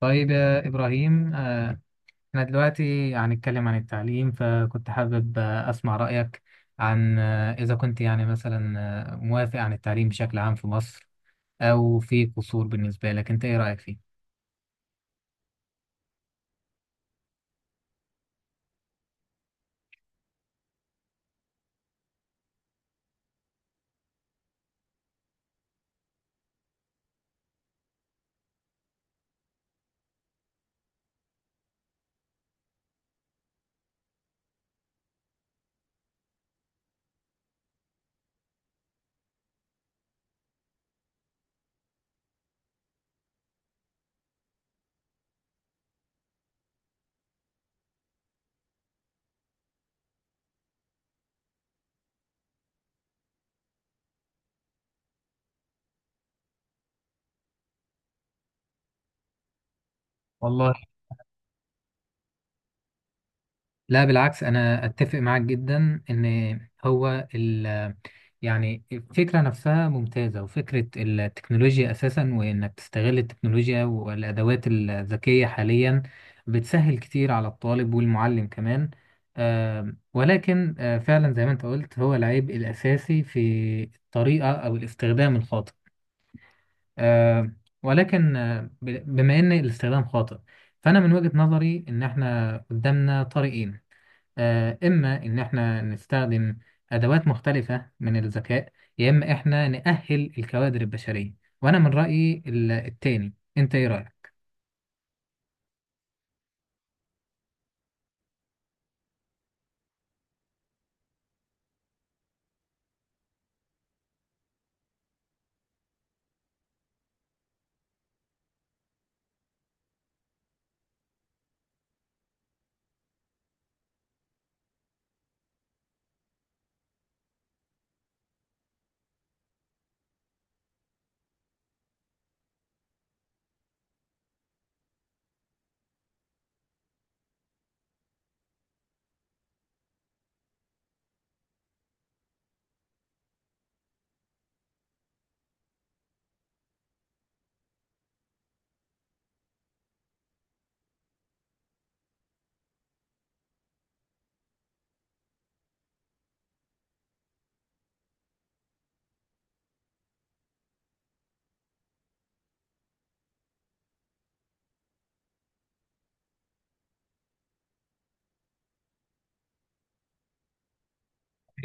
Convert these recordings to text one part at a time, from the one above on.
طيب يا إبراهيم، إحنا دلوقتي هنتكلم عن التعليم، فكنت حابب أسمع رأيك عن إذا كنت يعني مثلا موافق عن التعليم بشكل عام في مصر، أو في قصور. بالنسبة لك أنت إيه رأيك فيه؟ والله. لا بالعكس، أنا أتفق معاك جدا إن هو يعني الفكرة نفسها ممتازة، وفكرة التكنولوجيا أساسا وإنك تستغل التكنولوجيا والأدوات الذكية حاليا بتسهل كتير على الطالب والمعلم كمان. ولكن فعلا زي ما أنت قلت، هو العيب الأساسي في الطريقة أو الاستخدام الخاطئ. ولكن بما إن الاستخدام خاطئ، فأنا من وجهة نظري إن إحنا قدامنا طريقين، إما إن إحنا نستخدم أدوات مختلفة من الذكاء، يا إما إحنا نأهل الكوادر البشرية. وأنا من رأيي التاني. أنت إيه رأيك؟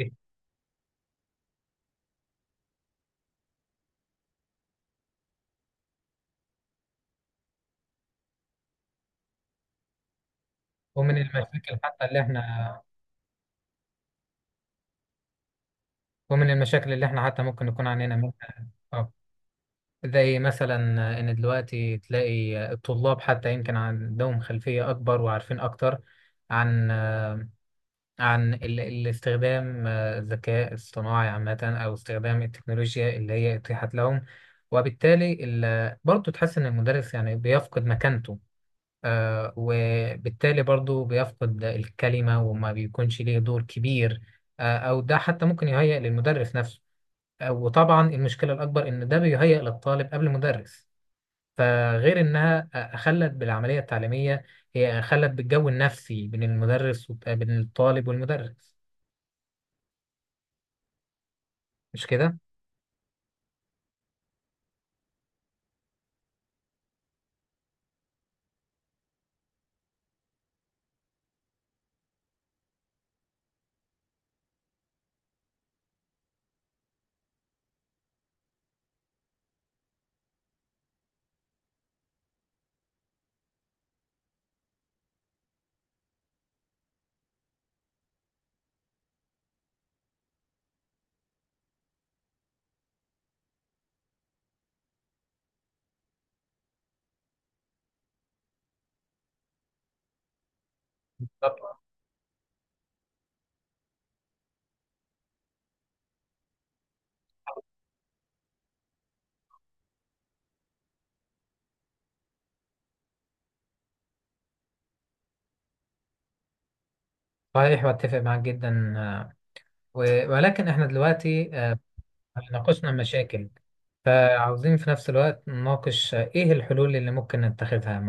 إيه. ومن المشاكل حتى اللي إحنا ومن المشاكل اللي إحنا حتى ممكن نكون عانينا منها. أه، زي مثلا إن دلوقتي تلاقي الطلاب حتى يمكن عندهم خلفية أكبر وعارفين أكتر عن الاستخدام، الذكاء الصناعي عامة، أو استخدام التكنولوجيا اللي هي اتيحت لهم. وبالتالي برضه تحس إن المدرس يعني بيفقد مكانته، وبالتالي برضه بيفقد الكلمة وما بيكونش ليه دور كبير. أو ده حتى ممكن يهيئ للمدرس نفسه. وطبعا المشكلة الأكبر إن ده بيهيئ للطالب قبل المدرس. فغير إنها خلت بالعملية التعليمية، هي خلت بالجو النفسي بين المدرس وبين الطالب والمدرس، مش كده؟ بالظبط. صحيح، واتفق معاك جدا. ولكن احنا دلوقتي ناقشنا المشاكل، فعاوزين في نفس الوقت نناقش ايه الحلول اللي ممكن نتخذها.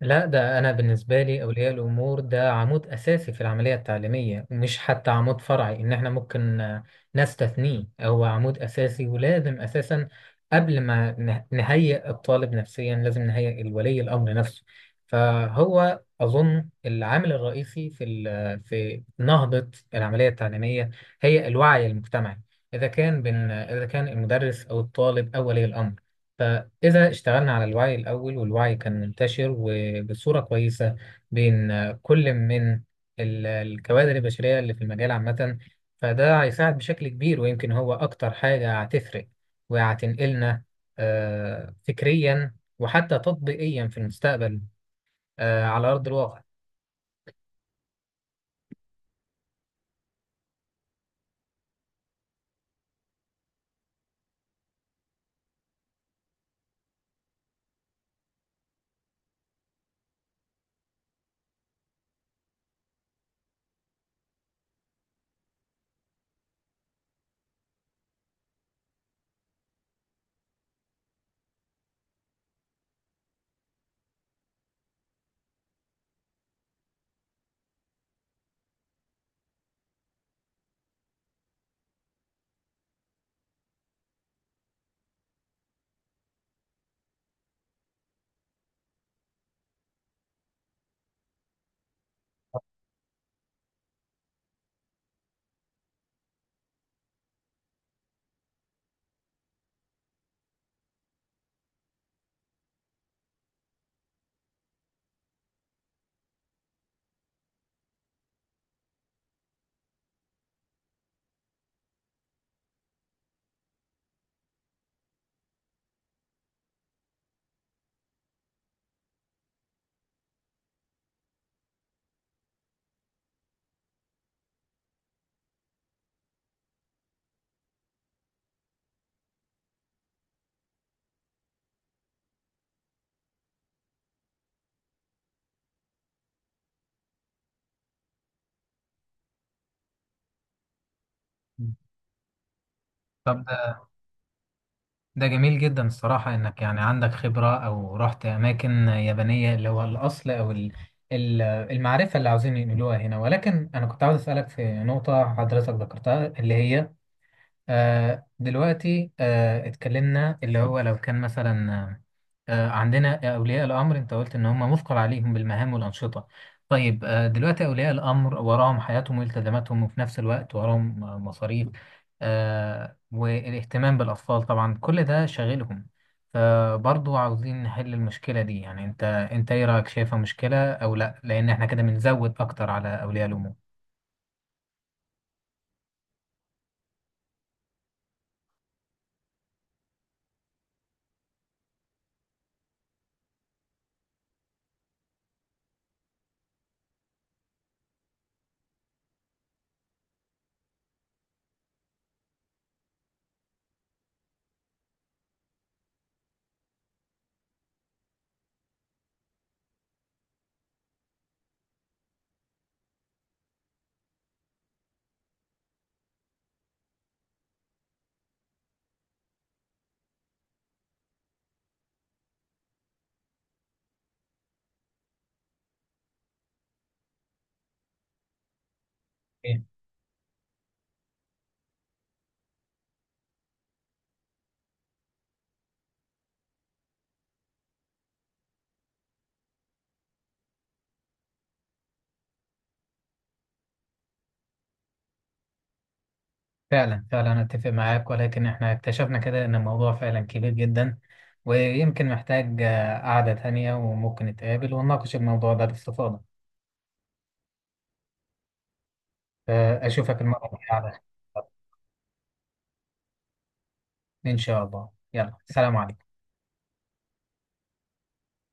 لا، ده أنا بالنسبة لي أولياء الأمور ده عمود أساسي في العملية التعليمية، مش حتى عمود فرعي إن إحنا ممكن نستثنيه. هو عمود أساسي، ولازم أساسا قبل ما نهيئ الطالب نفسيا لازم نهيئ الولي الأمر نفسه. فهو أظن العامل الرئيسي في نهضة العملية التعليمية هي الوعي المجتمعي. إذا كان المدرس أو الطالب أو ولي الأمر، إذا اشتغلنا على الوعي الأول والوعي كان منتشر وبصورة كويسة بين كل من الكوادر البشرية اللي في المجال عامة، فده هيساعد بشكل كبير، ويمكن هو أكتر حاجة هتفرق وهتنقلنا فكريا وحتى تطبيقيا في المستقبل، على أرض الواقع. طب، ده جميل جدا الصراحة إنك يعني عندك خبرة أو رحت أماكن يابانية اللي هو الأصل، أو المعرفة اللي عاوزين ينقلوها هنا. ولكن أنا كنت عاوز أسألك في نقطة حضرتك ذكرتها، اللي هي آه دلوقتي آه اتكلمنا اللي هو لو كان مثلا، عندنا أولياء الأمر، أنت قلت إن هم مثقل عليهم بالمهام والأنشطة. طيب، دلوقتي أولياء الأمر وراهم حياتهم والتزاماتهم، وفي نفس الوقت وراهم مصاريف، والاهتمام بالأطفال، طبعا كل ده شاغلهم. فبرضه عاوزين نحل المشكلة دي. يعني أنت إيه رأيك، شايفها مشكلة أو لأ؟ لأن إحنا كده بنزود أكتر على أولياء الأمور. فعلا، فعلا، أنا أتفق معاك. ولكن إحنا اكتشفنا كده إن الموضوع فعلا كبير جدا، ويمكن محتاج قعدة تانية، وممكن نتقابل ونناقش الموضوع ده باستفاضة. فأشوفك المرة الجاية على خير. إن شاء الله، يلا، سلام عليكم.